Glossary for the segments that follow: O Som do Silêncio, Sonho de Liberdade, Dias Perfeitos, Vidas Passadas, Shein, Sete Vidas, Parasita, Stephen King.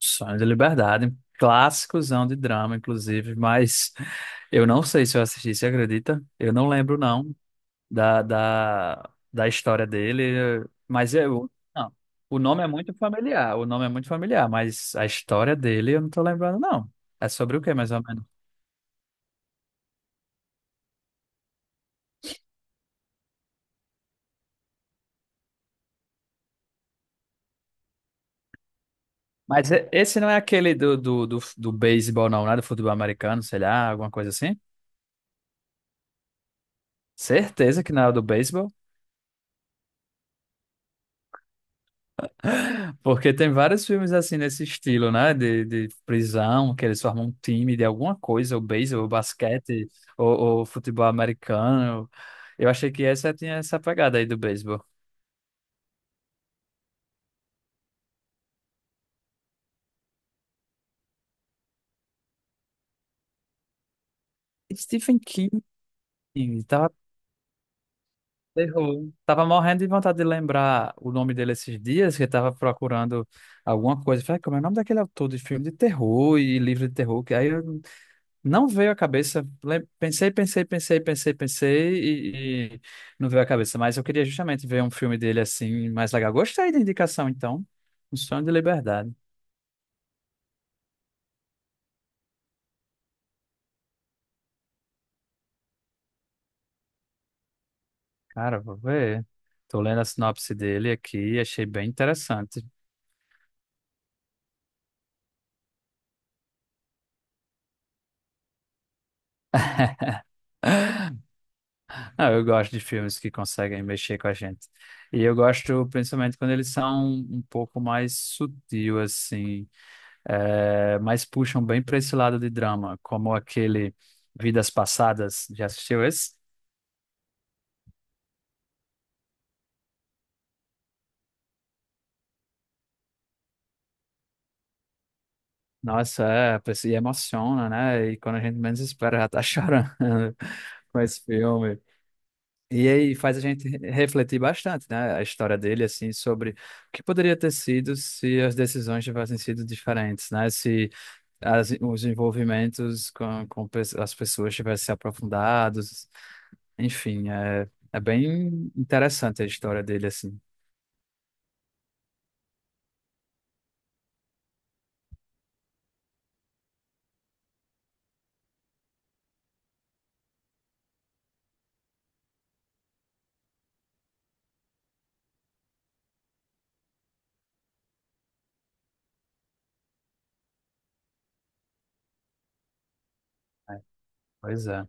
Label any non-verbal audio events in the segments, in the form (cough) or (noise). Sonho de Liberdade, clássicozão de drama, inclusive, mas (laughs) eu não sei se eu assisti, você acredita? Eu não lembro, não, da história dele, mas eu, não, o nome é muito familiar, o nome é muito familiar, mas a história dele eu não tô lembrando, não. É sobre o quê, mais ou menos? Mas esse não é aquele do beisebol, não, né? Do futebol americano, sei lá, alguma coisa assim? Certeza que não é o do beisebol. Porque tem vários filmes assim nesse estilo, né? De prisão, que eles formam um time de alguma coisa, ou beisebol, ou basquete, ou futebol americano. Eu achei que essa tinha essa pegada aí do beisebol. Stephen King tava, terror. Tava morrendo de vontade de lembrar o nome dele esses dias, que eu tava procurando alguma coisa. Falei, como é o nome daquele autor de filme de terror e livro de terror? Que aí eu não veio à cabeça. Pensei, pensei, pensei, pensei, pensei e não veio à cabeça. Mas eu queria justamente ver um filme dele assim, mais legal. Gostei da indicação, então. Um Sonho de Liberdade. Cara, vou ver. Tô lendo a sinopse dele aqui e achei bem interessante. (gasps) (laughs) Ah, eu gosto de filmes que conseguem mexer com a gente. E eu gosto principalmente quando eles são um pouco mais sutil, assim, mas puxam bem para esse lado de drama, como aquele Vidas Passadas. Já assistiu esse? Nossa, é, e emociona, né? E quando a gente menos espera, já tá (laughs) chorando com esse filme. E aí faz a gente refletir bastante, né? A história dele, assim, sobre o que poderia ter sido se as decisões tivessem sido diferentes, né? Se as, os envolvimentos com as pessoas tivessem se aprofundados. Enfim, é, é bem interessante a história dele, assim. Pois é.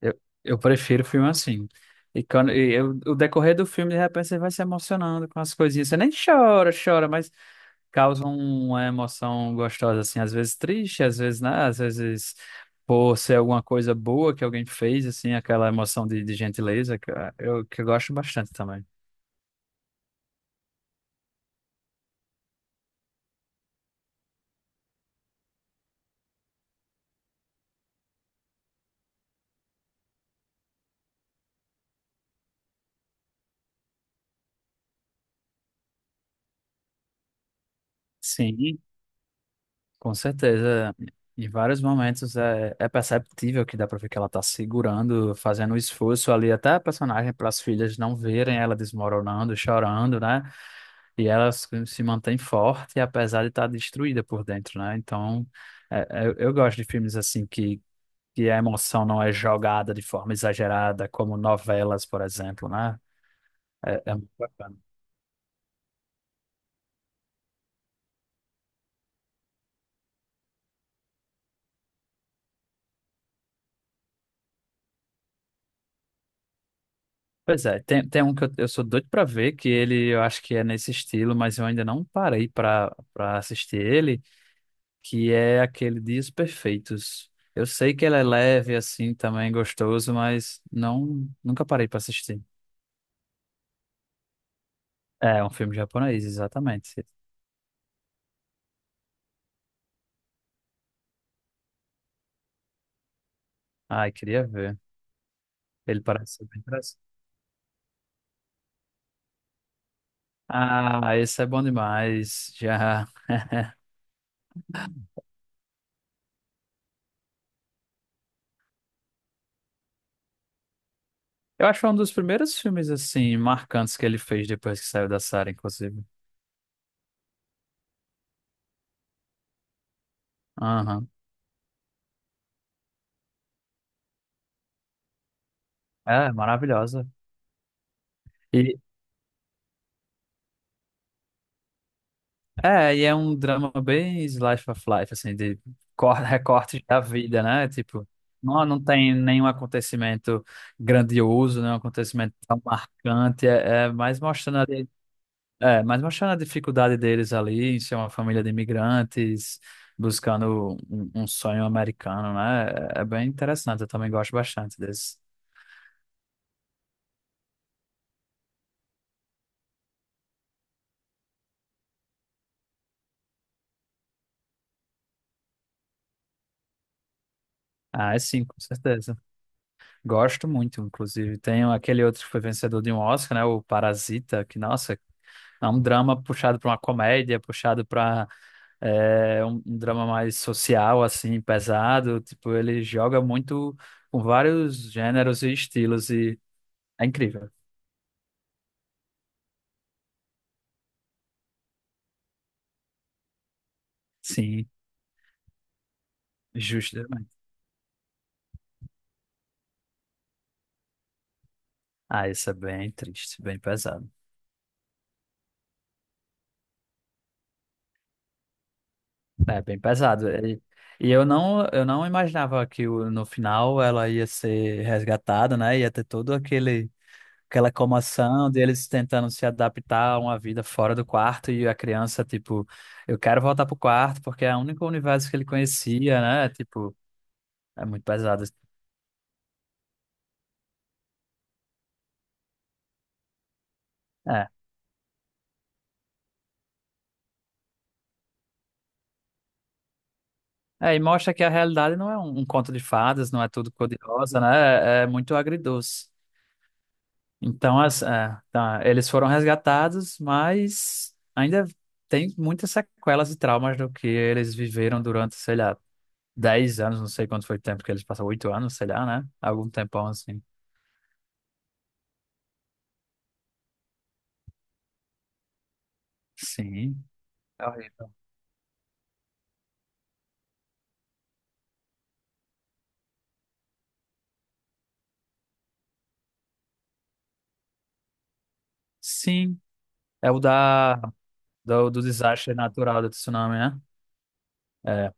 Eu prefiro filme assim. E quando o decorrer do filme, de repente, você vai se emocionando com as coisinhas. Você nem chora, chora, mas causa uma emoção gostosa, assim, às vezes triste, às vezes, né? Às vezes por ser alguma coisa boa que alguém fez, assim, aquela emoção de gentileza, que eu gosto bastante também. Sim. Com certeza, em vários momentos é, é perceptível que dá pra ver que ela tá segurando, fazendo um esforço ali, até a personagem para as filhas não verem ela desmoronando, chorando, né? E ela se mantém forte, apesar de estar destruída por dentro, né? Então, é- eu gosto de filmes assim que a emoção não é jogada de forma exagerada, como novelas, por exemplo, né? É, é muito bacana. Pois é, tem, tem um que eu sou doido pra ver, que ele eu acho que é nesse estilo, mas eu ainda não parei pra assistir ele, que é aquele Dias Perfeitos. Eu sei que ele é leve, assim, também gostoso, mas não, nunca parei pra assistir. É é um filme japonês, exatamente. Ai, queria ver. Ele parece ser bem interessante. Ah, esse é bom demais. Já. Eu acho que foi um dos primeiros filmes, assim, marcantes que ele fez depois que saiu da série, inclusive. Aham. É, maravilhosa. e É, e é um drama bem slice of life, assim, de (laughs) recortes da vida, né? Tipo, não, não tem nenhum acontecimento grandioso, nenhum acontecimento tão marcante. É, é mais mostrando ali, é, mais mostrando a dificuldade deles ali em ser uma família de imigrantes, buscando um, um sonho americano, né? É, é bem interessante, eu também gosto bastante desse. Ah, é sim, com certeza. Gosto muito, inclusive. Tem aquele outro que foi vencedor de um Oscar, né? O Parasita, que, nossa. É um drama puxado para uma comédia, puxado para um, um drama mais social, assim, pesado. Tipo, ele joga muito com vários gêneros e estilos e é incrível. Sim, justamente. Ah, isso é bem triste, bem pesado. É bem pesado. E eu não imaginava que no final ela ia ser resgatada, né? Ia ter todo aquele aquela comoção deles tentando se adaptar a uma vida fora do quarto e a criança, tipo, eu quero voltar pro quarto porque é o único universo que ele conhecia, né? Tipo, é muito pesado. É. É, e mostra que a realidade não é um, um conto de fadas, não é tudo cor-de-rosa, né? É, é muito agridoce. Então, as, é, tá, eles foram resgatados, mas ainda tem muitas sequelas e traumas do que eles viveram durante, sei lá, 10 anos, não sei quanto foi o tempo que eles passaram, 8 anos, sei lá, né? Algum tempão assim. Sim. É horrível. Sim. É o da, do desastre natural do tsunami, né? É.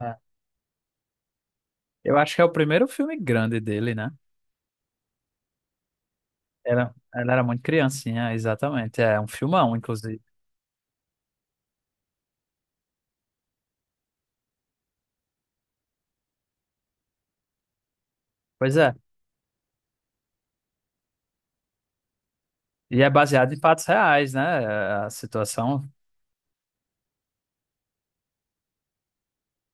É. Eu acho que é o primeiro filme grande dele, né? Ela era muito criancinha, exatamente. É um filmão, inclusive. Pois é. E é baseado em fatos reais, né? A situação,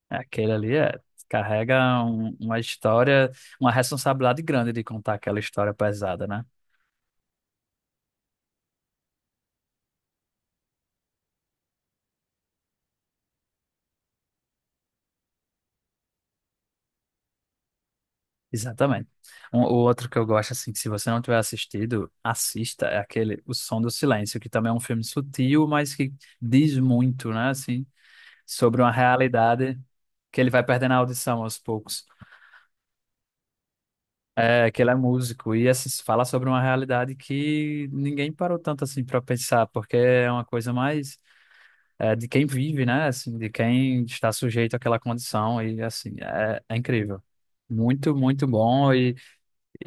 é aquele ali, é, carrega uma história, uma responsabilidade grande de contar aquela história pesada, né? Exatamente. Um, o outro que eu gosto, assim, que se você não tiver assistido, assista, é aquele O Som do Silêncio, que também é um filme sutil, mas que diz muito, né, assim, sobre uma realidade que ele vai perdendo a audição aos poucos. É, que ele é músico e assim, fala sobre uma realidade que ninguém parou tanto assim para pensar, porque é uma coisa mais é, de quem vive, né, assim, de quem está sujeito àquela condição e assim, é, é incrível. Muito, muito bom. E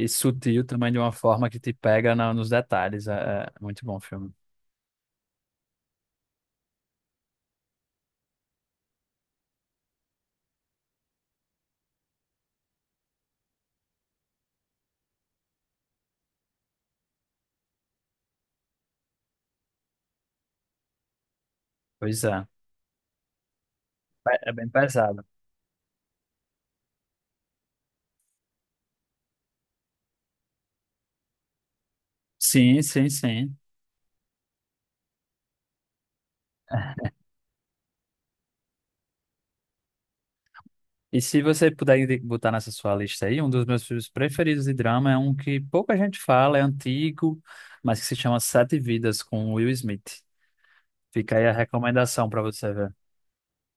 sutil também de uma forma que te pega nos detalhes. É, é é muito bom o filme. Pois é. É é bem pesado. Sim, sim, sim. E se você puder botar nessa sua lista aí, um dos meus filmes preferidos de drama é um que pouca gente fala, é antigo, mas que se chama Sete Vidas, com Will Smith. Fica aí a recomendação pra você ver.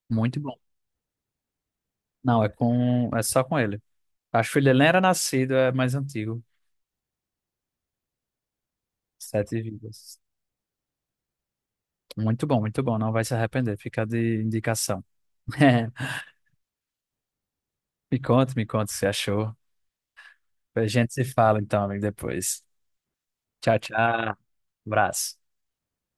Muito bom. Não, é com, é só com ele. Acho que ele nem era nascido, é mais antigo. Sete Vidas. Muito bom, muito bom. Não vai se arrepender. Fica de indicação. (laughs) Me conta o que você achou. A gente se fala então, amigo, depois. Tchau, tchau. Abraço.